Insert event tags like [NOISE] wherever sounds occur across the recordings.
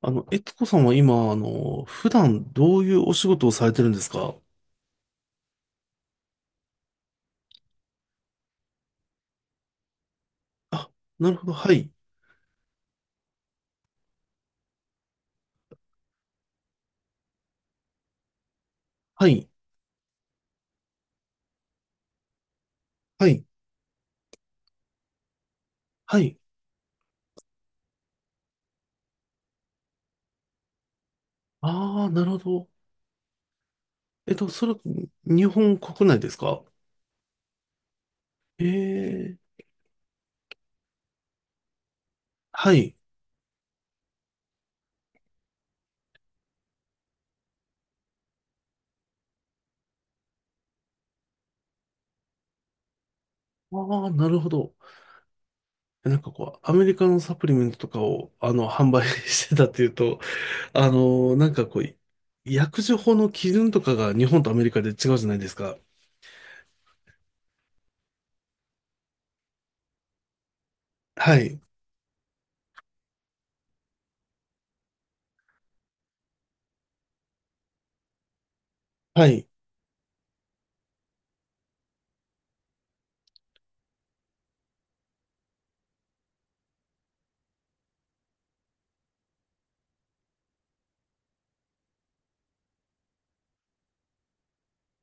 えつこさんは今、普段どういうお仕事をされてるんですか？あ、なるほど。はい。はい。はい。はい。ああ、なるほど。えっと、それ、日本国内ですか？ええー、はい。ああ、なるほど。なんかこう、アメリカのサプリメントとかを、販売 [LAUGHS] してたっていうと、なんかこう、薬事法の基準とかが日本とアメリカで違うじゃないですか。はい。はい。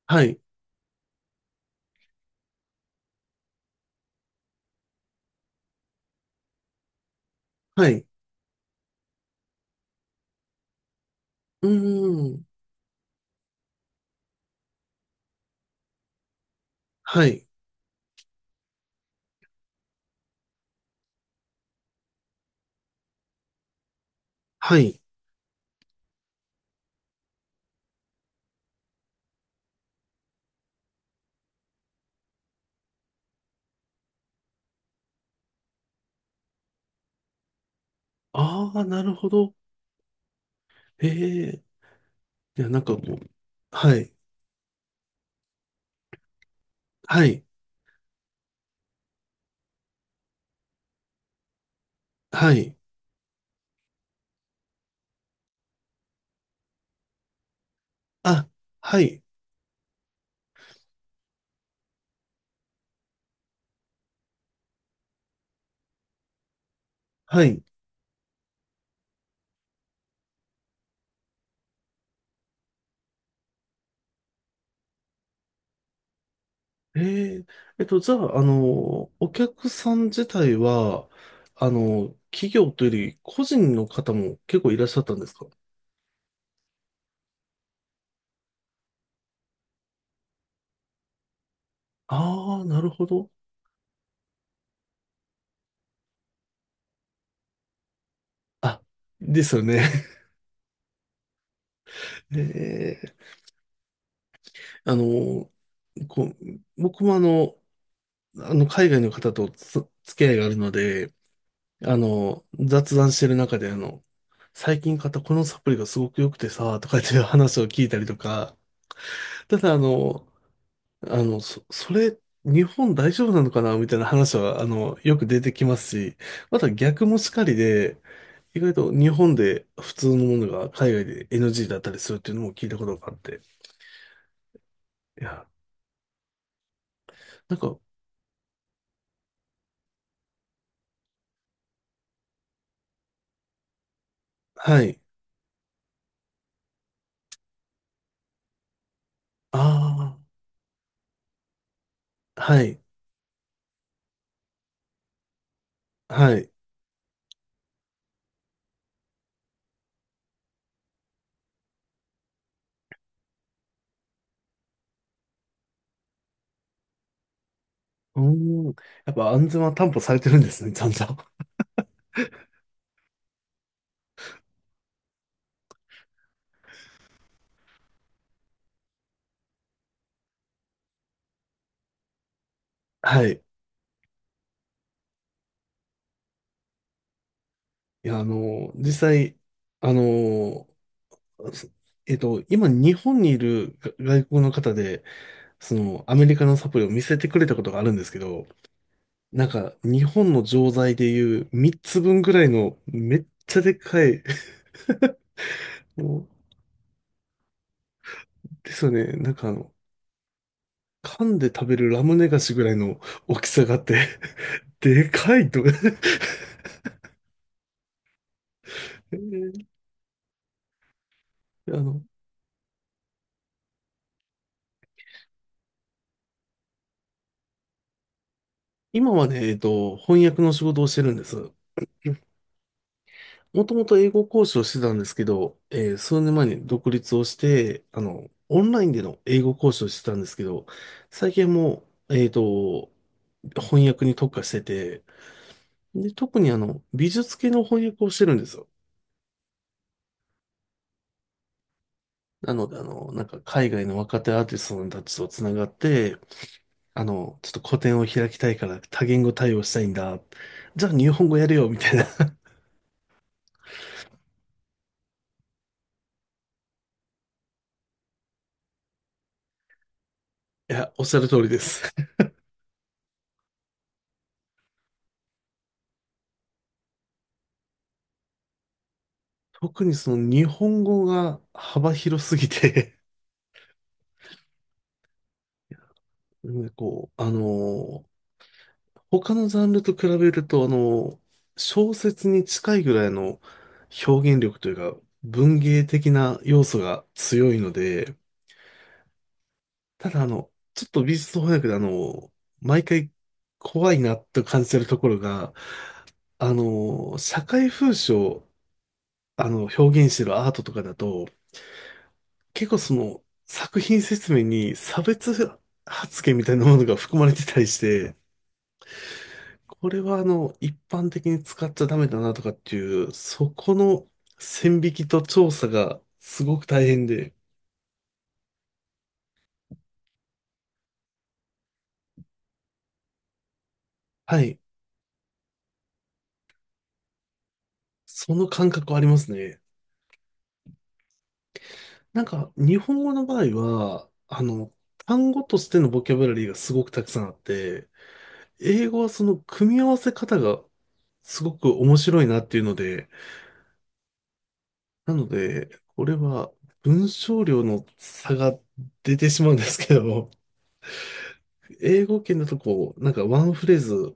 はい。はい。うーん。はい。はい。ああ、なるほど。ええ。いや、なんかもう、はい、はい、はい。あ、はい、はい。ええ。えっと、じゃあ、お客さん自体は、企業というより、個人の方も結構いらっしゃったんですか？ああー、なるほど。あ、ですよね。[LAUGHS] ええ。あの、こう、僕も海外の方と付き合いがあるので、雑談してる中で、最近買ったこのサプリがすごく良くてさ、とかっていう話を聞いたりとか、ただそれ、日本大丈夫なのかなみたいな話は、よく出てきますし、また逆もしかりで、意外と日本で普通のものが海外で NG だったりするっていうのも聞いたことがあって。いや、なんか、はい。ああ、はい、はい。うーん。やっぱ安全は担保されてるんですね、ちゃんと。[LAUGHS] はい。いや、実際、あの、すえっと、今、日本にいるが外国の方で、その、アメリカのサプリを見せてくれたことがあるんですけど、なんか、日本の錠剤でいう3つ分ぐらいの、めっちゃでかい、[LAUGHS] もうですよね、噛んで食べるラムネ菓子ぐらいの大きさがあって、[LAUGHS] でかいと。[LAUGHS] えーあの、今はね、えっと、翻訳の仕事をしてるんです。もともと英語講師をしてたんですけど、えー数年前に独立をして、オンラインでの英語講師をしてたんですけど、最近はもう、えっと、翻訳に特化してて、で、特に美術系の翻訳をしてるんですよ。なので、なんか海外の若手アーティストたちとつながって、ちょっと個展を開きたいから多言語対応したいんだ。じゃあ日本語やれよ、みたいな。[LAUGHS] いや、おっしゃる通りです。[LAUGHS] 特にその日本語が幅広すぎて、なんかこう、他のジャンルと比べると、小説に近いぐらいの表現力というか、文芸的な要素が強いので、ただちょっと美術翻訳で毎回怖いなと感じてるところが、あの社会風刺を、表現してるアートとかだと、結構その、作品説明に差別発言みたいなものが含まれてたりして、これは一般的に使っちゃダメだなとかっていう、そこの線引きと調査がすごく大変で、はい、その感覚はありますね。なんか、日本語の場合は、単語としてのボキャブラリーがすごくたくさんあって、英語はその組み合わせ方がすごく面白いなっていうので、なので、これは文章量の差が出てしまうんですけど、英語圏だとこう、なんかワンフレーズ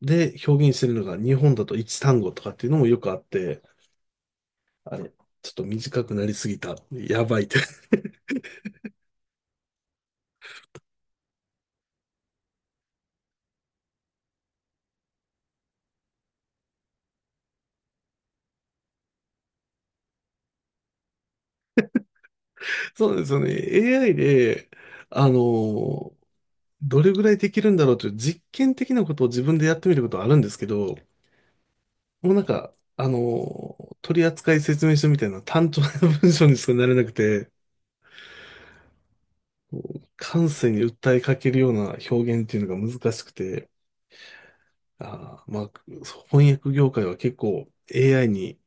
で表現してるのが日本だと一単語とかっていうのもよくあって、あれ、ちょっと短くなりすぎた。やばいって。[LAUGHS] そうなんですよね。AI で、あの、どれぐらいできるんだろうという実験的なことを自分でやってみることはあるんですけど、もうなんか、取扱説明書みたいな単調な文章にしかなれなくて、感性に訴えかけるような表現っていうのが難しくて、あー、まあ、翻訳業界は結構 AI に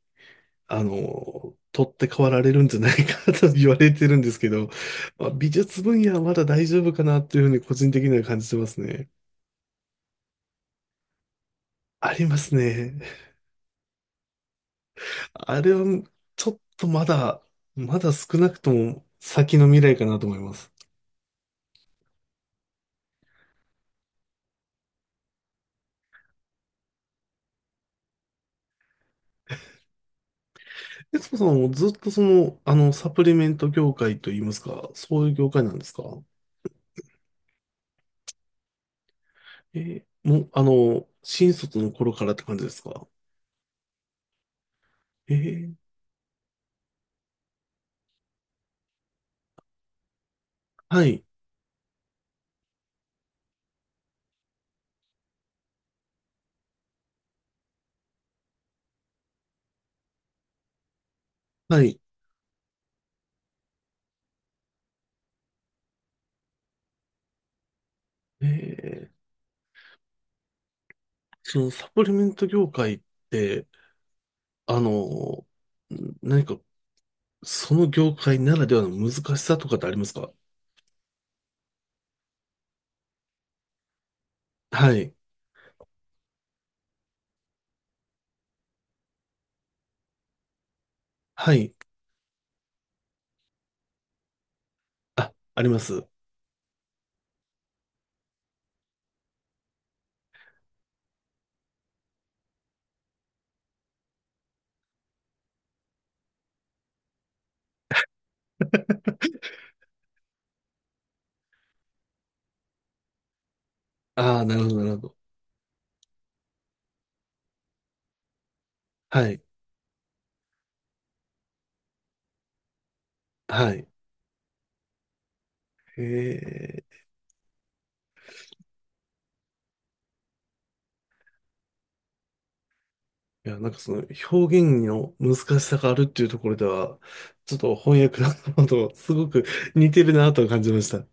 取って代わられるんじゃないかなと言われてるんですけど、まあ、美術分野はまだ大丈夫かなというふうに個人的には感じてますね。ありますね。あれはちょっとまだ、まだ少なくとも先の未来かなと思います。悦子さんはもうずっとその、サプリメント業界といいますか、そういう業界なんですか？えーもう、新卒の頃からって感じですか？えーはい、はい。えーそのサプリメント業界って、あの、何か、その業界ならではの難しさとかってありますか？はい。はい。あ、あります。ああ、なるほど、なるほど。はい。はい。へえ。いや、なんかその表現の難しさがあるっていうところでは、ちょっと翻訳の方とすごく似てるなと感じました。